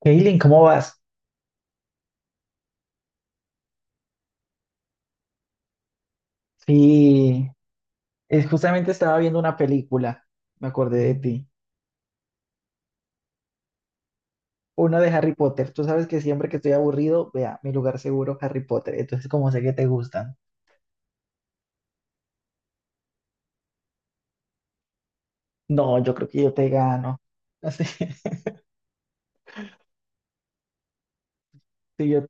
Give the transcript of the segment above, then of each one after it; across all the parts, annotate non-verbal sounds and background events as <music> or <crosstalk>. Kaylin, ¿cómo vas? Sí, justamente estaba viendo una película, me acordé de ti, una de Harry Potter. Tú sabes que siempre que estoy aburrido, vea, mi lugar seguro, Harry Potter. ¿Entonces, como sé que te gustan? No, yo creo que yo te gano. Así, <laughs> sí, yo,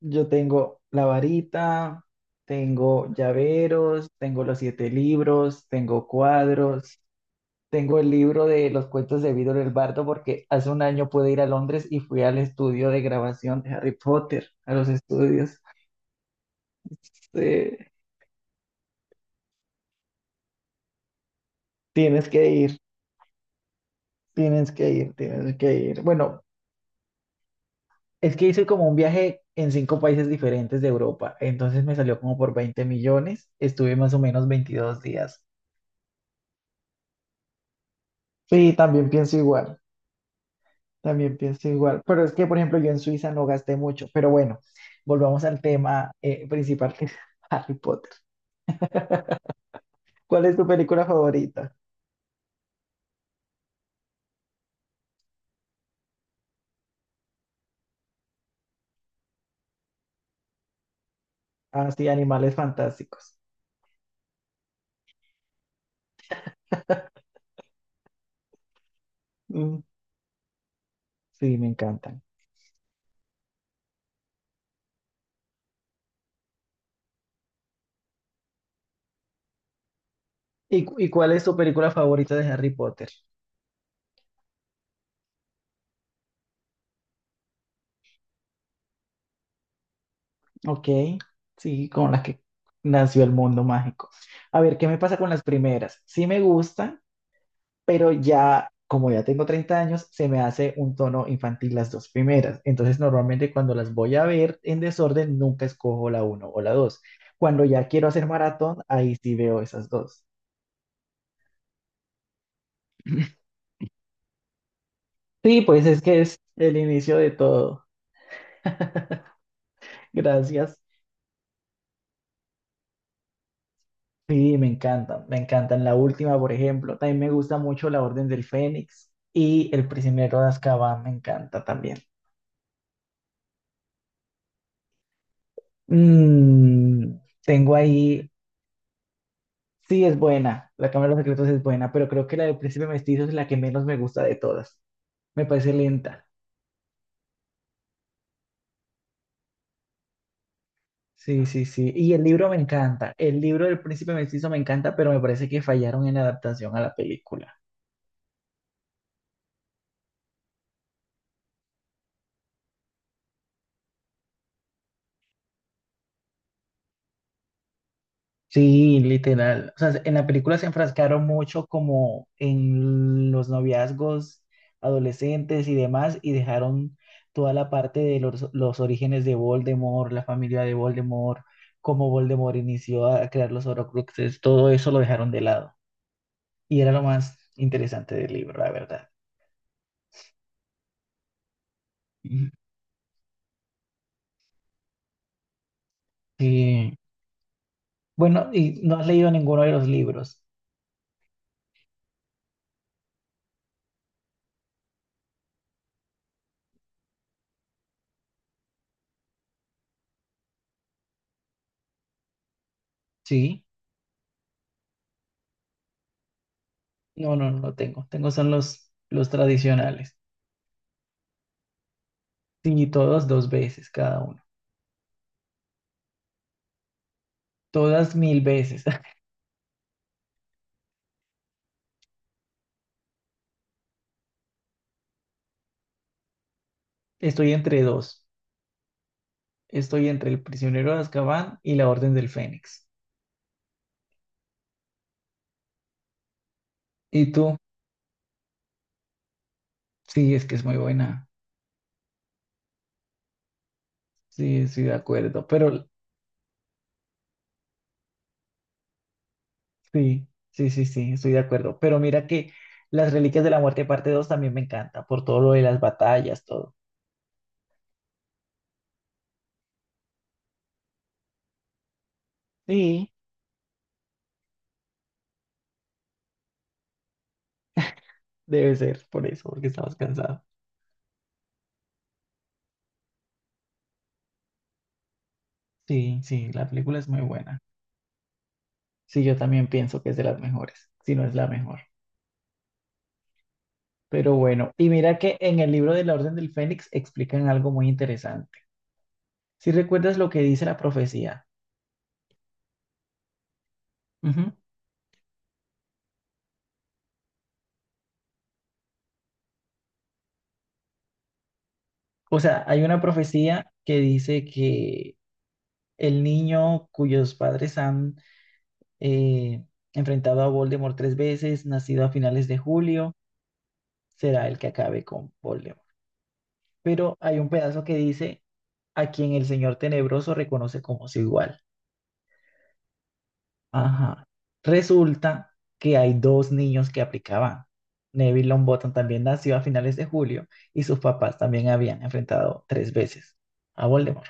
yo tengo la varita, tengo llaveros, tengo los siete libros, tengo cuadros. Tengo el libro de los cuentos de Víctor el Bardo porque hace un año pude ir a Londres y fui al estudio de grabación de Harry Potter, a los estudios. Sí, tienes que ir, tienes que ir, tienes que ir. Bueno, es que hice como un viaje en cinco países diferentes de Europa, entonces me salió como por 20 millones, estuve más o menos 22 días. Sí, también pienso igual, pero es que, por ejemplo, yo en Suiza no gasté mucho, pero bueno, volvamos al tema principal que es <laughs> Harry Potter. ¿Cuál es tu película favorita? Ah, sí, Animales Fantásticos. Mm, sí, me encantan. ¿Y cuál es tu película favorita de Harry Potter? Ok, sí, con la que nació el mundo mágico. A ver, ¿qué me pasa con las primeras? Sí me gustan, pero ya, como ya tengo 30 años, se me hace un tono infantil las dos primeras. Entonces, normalmente cuando las voy a ver en desorden, nunca escojo la uno o la dos. Cuando ya quiero hacer maratón, ahí sí veo esas dos. Sí, pues es que es el inicio de todo. Gracias. Sí, me encantan, me encantan. La última, por ejemplo, también me gusta mucho La Orden del Fénix y El Prisionero de Azkaban, me encanta también. Mm, tengo ahí, sí es buena, La Cámara de los Secretos es buena, pero creo que la del Príncipe Mestizo es la que menos me gusta de todas. Me parece lenta. Sí, sí, sí. Y el libro me encanta. El libro del Príncipe Mestizo me encanta, pero me parece que fallaron en la adaptación a la película. Sí, literal. O sea, en la película se enfrascaron mucho como en los noviazgos adolescentes y demás y dejaron toda la parte de los orígenes de Voldemort, la familia de Voldemort, cómo Voldemort inició a crear los Horcruxes, todo eso lo dejaron de lado. Y era lo más interesante del libro, la verdad. Y, y, bueno, ¿y no has leído ninguno de los libros? Sí. No, no, no tengo. Tengo son los tradicionales. Sí, todos dos veces cada uno. Todas mil veces. <laughs> Estoy entre dos. Estoy entre El Prisionero de Azkaban y La Orden del Fénix. ¿Y tú? Sí, es que es muy buena. Sí, estoy de acuerdo. Pero sí, sí, sí, sí, estoy de acuerdo. Pero mira que Las Reliquias de la Muerte parte 2 también me encanta, por todo lo de las batallas, todo. Sí, debe ser por eso, porque estabas cansado. Sí, sí, la película es muy buena. Sí, yo también pienso que es de las mejores, si no es la mejor. Pero bueno, y mira que en el libro de la Orden del Fénix explican algo muy interesante. Si recuerdas lo que dice la profecía, ujú. O sea, hay una profecía que dice que el niño cuyos padres han eh, enfrentado a Voldemort tres veces, nacido a finales de julio, será el que acabe con Voldemort. Pero hay un pedazo que dice a quien el Señor Tenebroso reconoce como su igual. Ajá. Resulta que hay dos niños que aplicaban. Neville Longbottom también nació a finales de julio y sus papás también habían enfrentado tres veces a Voldemort.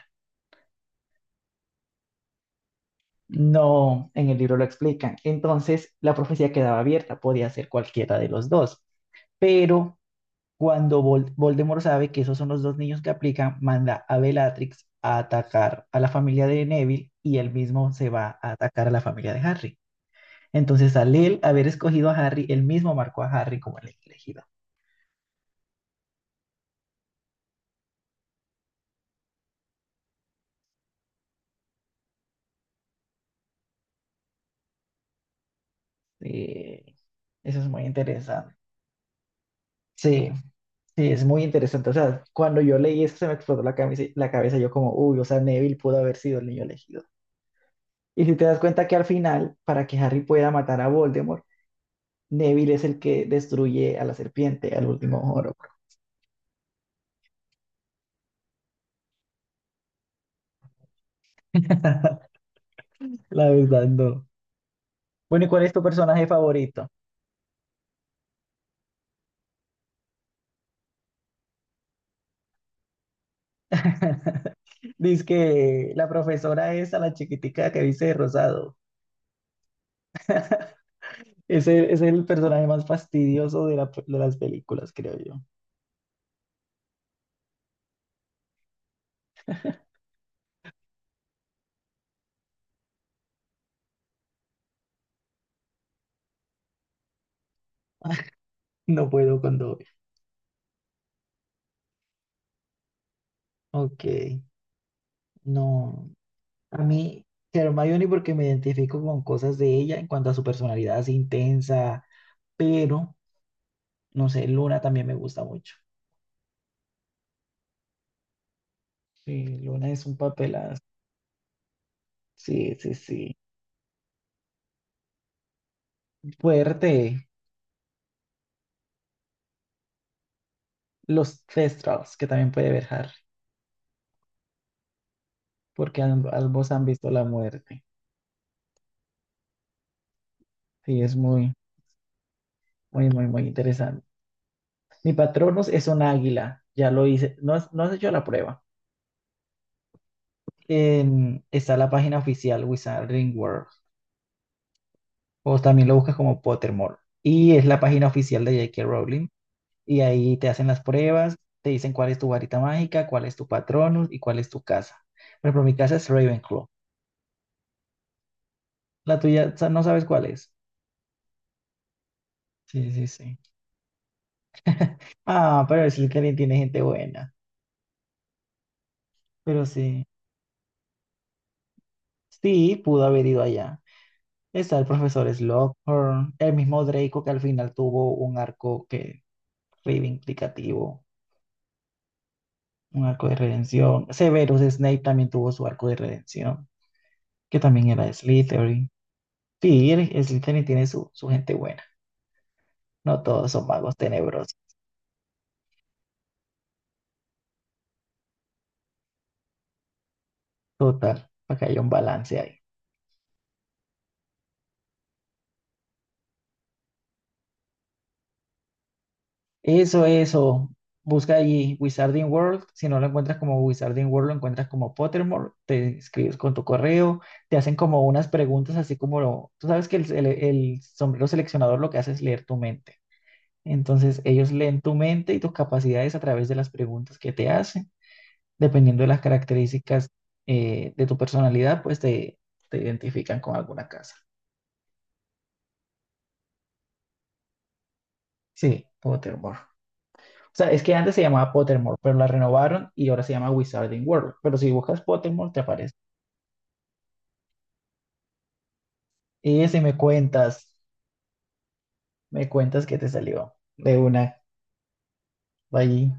No, en el libro lo explican. Entonces, la profecía quedaba abierta, podía ser cualquiera de los dos. Pero cuando Voldemort sabe que esos son los dos niños que aplican, manda a Bellatrix a atacar a la familia de Neville y él mismo se va a atacar a la familia de Harry. Entonces, al él haber escogido a Harry, él mismo marcó a Harry como el elegido. Sí, eso es muy interesante. Sí, sí, es muy interesante. O sea, cuando yo leí eso se me explotó la cabeza yo como, uy, o sea, Neville pudo haber sido el niño elegido. Y si te das cuenta que al final, para que Harry pueda matar a Voldemort, Neville es el que destruye a la serpiente, al último Horrocrux. <laughs> La verdad, no. Bueno, ¿y cuál es tu personaje favorito? <laughs> Dice que la profesora es a la chiquitica que dice de rosado. Es el personaje más fastidioso de, de las películas, creo yo. <laughs> No puedo con Dobby. Ok, no. A mí, Hermione, porque me identifico con cosas de ella en cuanto a su personalidad es intensa, pero no sé, Luna también me gusta mucho. Sí, Luna es un papelazo. Sí, sí, sí. Fuerte. Los Thestrals, que también puede ver Harry, porque ambos han visto la muerte. Sí, es muy, muy, muy, muy interesante. Mi Patronus es un águila, ya lo hice, no, no has hecho la prueba. Está la página oficial Wizarding World, o también lo buscas como Pottermore, y es la página oficial de J.K. Rowling, y ahí te hacen las pruebas, te dicen cuál es tu varita mágica, cuál es tu Patronus y cuál es tu casa. Por ejemplo, mi casa es Ravenclaw, la tuya no sabes cuál es. Sí, sí, sí. Ah, pero es que alguien tiene gente buena, pero sí, sí, pudo haber ido allá. Está el profesor Slughorn, el mismo Draco que al final tuvo un arco que reivindicativo, un arco de redención. Severus Snape también tuvo su arco de redención, que también era de Slytherin. Sí, el Slytherin tiene su, su gente buena. No todos son magos tenebrosos. Total, para que haya un balance ahí. Eso, eso. Busca ahí Wizarding World. Si no lo encuentras como Wizarding World, lo encuentras como Pottermore. Te inscribes con tu correo. Te hacen como unas preguntas, así como tú sabes que el sombrero seleccionador lo que hace es leer tu mente. Entonces, ellos leen tu mente y tus capacidades a través de las preguntas que te hacen. Dependiendo de las características de tu personalidad, pues te identifican con alguna casa. Sí, Pottermore. O sea, es que antes se llamaba Pottermore, pero la renovaron y ahora se llama Wizarding World. Pero si buscas Pottermore, te aparece. Y si me cuentas, me cuentas que te salió de una allí.